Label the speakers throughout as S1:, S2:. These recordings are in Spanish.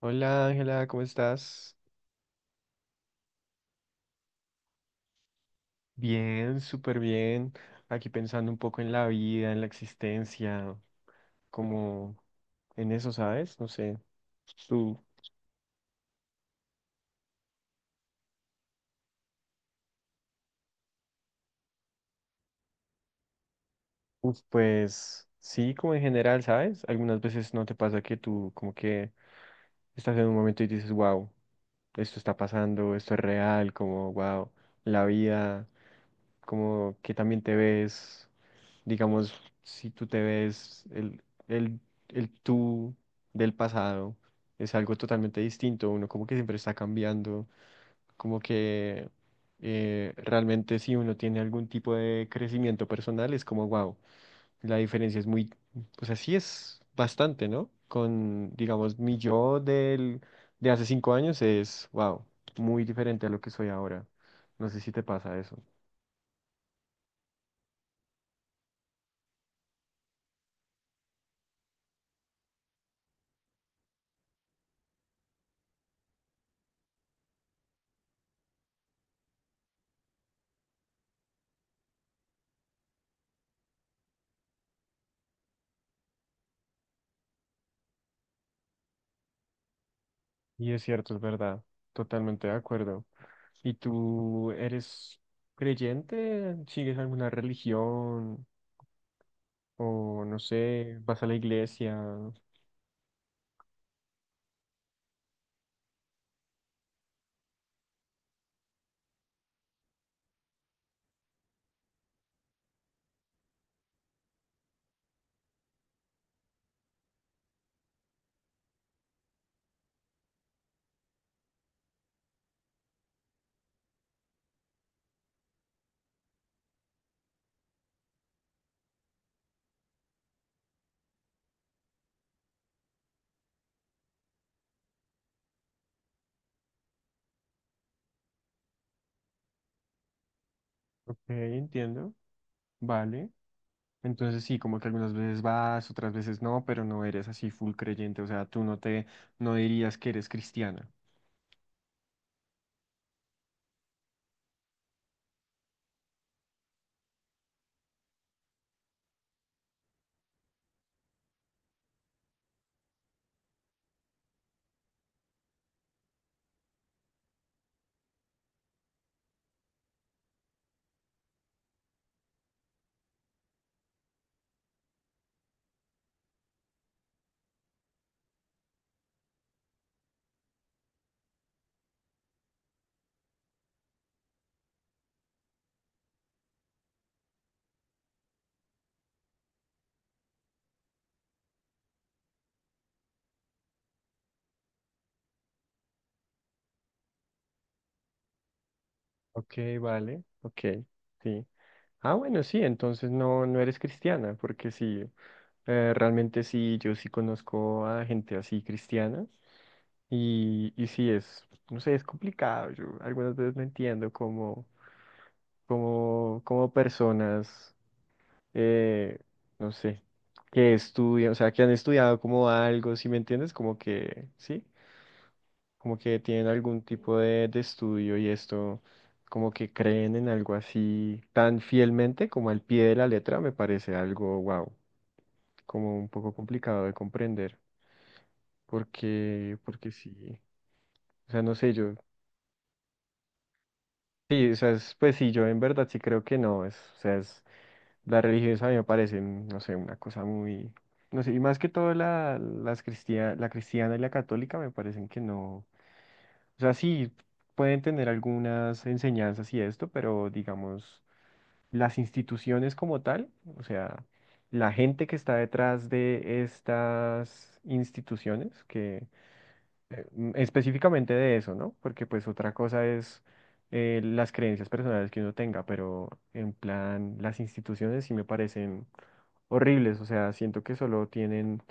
S1: Hola Ángela, ¿cómo estás? Bien, súper bien. Aquí pensando un poco en la vida, en la existencia, como en eso, ¿sabes? No sé. Tú, pues sí, como en general, ¿sabes? Algunas veces no te pasa que tú como que estás en un momento y dices, wow, esto está pasando, esto es real, como wow, la vida, como que también te ves. Digamos, si tú te ves, el tú del pasado es algo totalmente distinto. Uno como que siempre está cambiando, como que realmente si uno tiene algún tipo de crecimiento personal es como, wow, la diferencia es muy, o sea, sí es bastante, ¿no? Con, digamos, de hace 5 años es, wow, muy diferente a lo que soy ahora. No sé si te pasa eso. Y es cierto, es verdad. Totalmente de acuerdo. ¿Y tú eres creyente? ¿Sigues alguna religión? O no sé, vas a la iglesia. Ok, entiendo. Vale. Entonces sí, como que algunas veces vas, otras veces no, pero no eres así full creyente. O sea, tú no te, no dirías que eres cristiana. Ok, vale, ok, sí. Ah, bueno, sí, entonces no, no eres cristiana, porque sí, realmente sí, yo sí conozco a gente así cristiana y sí es, no sé, es complicado. Yo algunas veces no entiendo cómo personas, eh, no sé, que estudian, o sea, que han estudiado como algo, ¿si me entiendes? Como que sí, como que tienen algún tipo de estudio y esto, como que creen en algo así tan fielmente como al pie de la letra, me parece algo, wow, como un poco complicado de comprender, porque sí, o sea, no sé, yo, sí, o sea, pues sí, yo en verdad sí creo que no, es, o sea, es, la religión a mí me parece, no sé, una cosa muy, no sé, y más que todo la cristiana y la católica me parecen que no. O sea, sí, pueden tener algunas enseñanzas y esto, pero digamos, las instituciones como tal, o sea, la gente que está detrás de estas instituciones, que específicamente de eso, ¿no? Porque pues otra cosa es las creencias personales que uno tenga, pero en plan, las instituciones sí me parecen horribles, o sea, siento que solo tienen,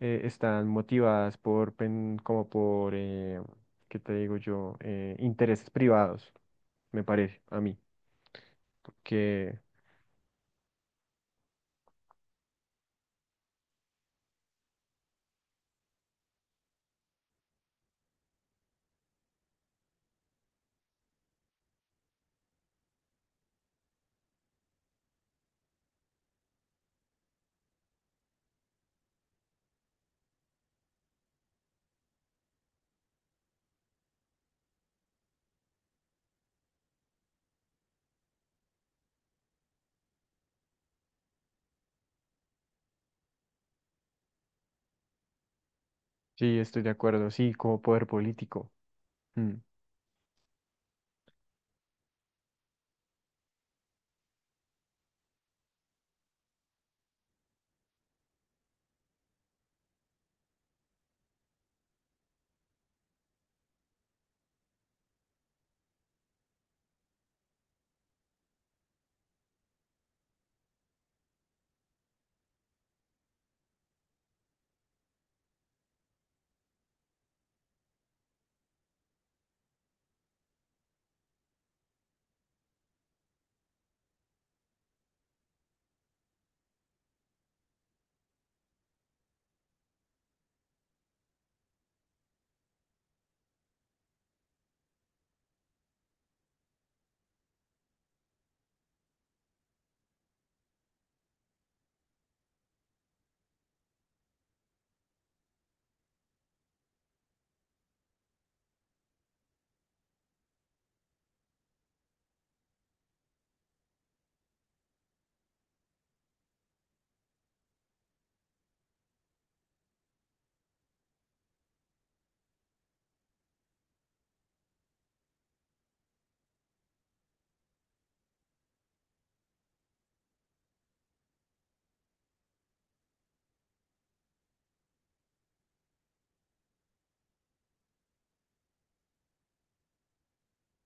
S1: están motivadas por, pen- como por, ¿qué te digo yo? Intereses privados, me parece, a mí, que sí, estoy de acuerdo, sí, como poder político. Mm,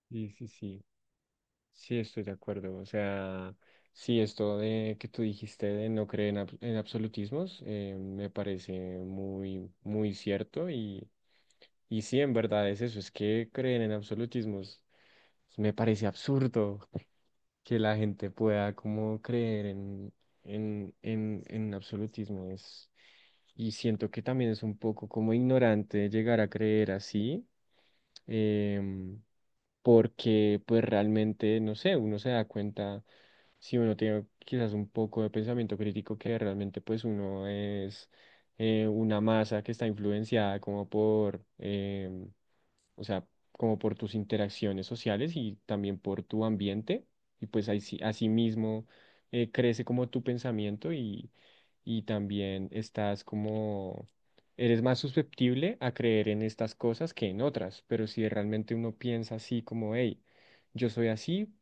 S1: sí, sí, sí, sí, estoy de acuerdo, o sea, sí, esto de que tú dijiste de no creer en absolutismos, me parece muy cierto y sí, en verdad es eso, es que creen en absolutismos. Me parece absurdo que la gente pueda como creer en absolutismo es, y siento que también es un poco como ignorante llegar a creer así, em, porque pues realmente, no sé, uno se da cuenta, si uno tiene quizás un poco de pensamiento crítico, que realmente pues uno es una masa que está influenciada como por... o sea, como por tus interacciones sociales y también por tu ambiente, y pues así, así mismo crece como tu pensamiento y también estás como, eres más susceptible a creer en estas cosas que en otras, pero si realmente uno piensa así como, hey, yo soy así,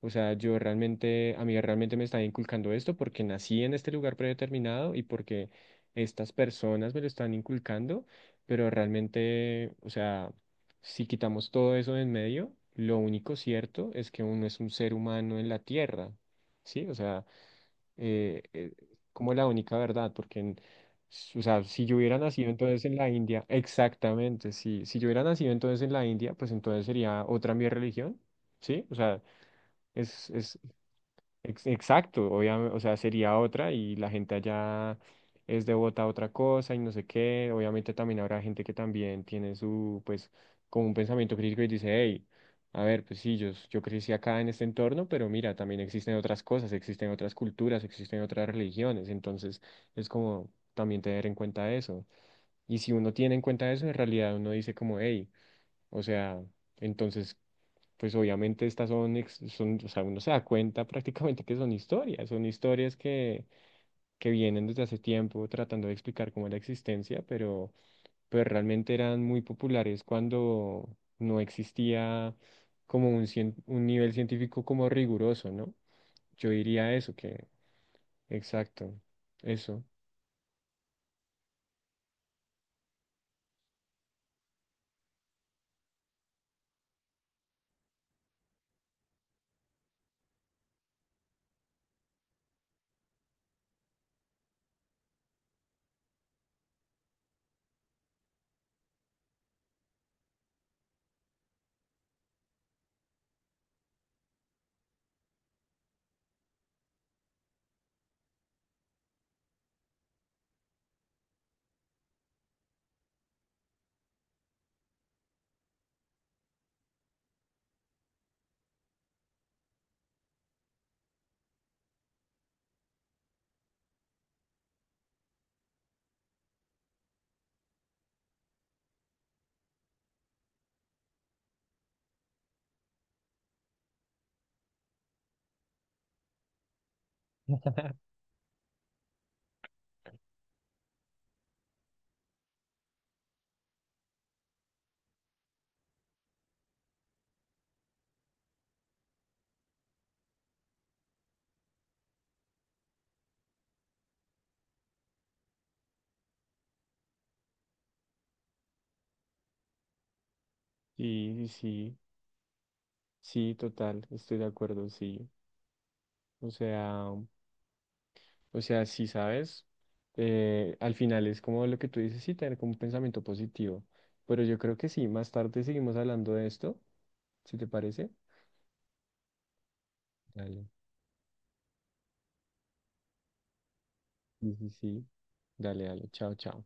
S1: o sea, yo realmente, a mí realmente me está inculcando esto porque nací en este lugar predeterminado y porque estas personas me lo están inculcando, pero realmente, o sea, si quitamos todo eso de en medio, lo único cierto es que uno es un ser humano en la tierra, ¿sí? O sea, eh, eh, como la única verdad, porque o sea, si yo hubiera nacido entonces en la India, exactamente, sí, si yo hubiera nacido entonces en la India, pues entonces sería otra mi religión, ¿sí? O sea... Es, es, Exacto, obviamente, o sea, sería otra y la gente allá es devota a otra cosa y no sé qué. Obviamente también habrá gente que también tiene su, pues, como un pensamiento crítico y dice, hey, a ver, pues sí, yo crecí acá en este entorno, pero mira, también existen otras cosas, existen otras culturas, existen otras religiones. Entonces, es como también tener en cuenta eso. Y si uno tiene en cuenta eso, en realidad uno dice como, hey, o sea, entonces, pues obviamente estas son, o sea, uno se da cuenta prácticamente que son historias, son que vienen desde hace tiempo tratando de explicar cómo es la existencia, pero realmente eran muy populares cuando no existía como un nivel científico como riguroso, ¿no? Yo diría eso, que, exacto, eso. Sí, sí, sí, sí, total, estoy de acuerdo, sí. O sea... O sea, si sabes, al final es como lo que tú dices, sí, tener como un pensamiento positivo. Pero yo creo que sí, más tarde seguimos hablando de esto, si te parece. Dale. Sí, sí, sí. Dale, dale. Chao, chao.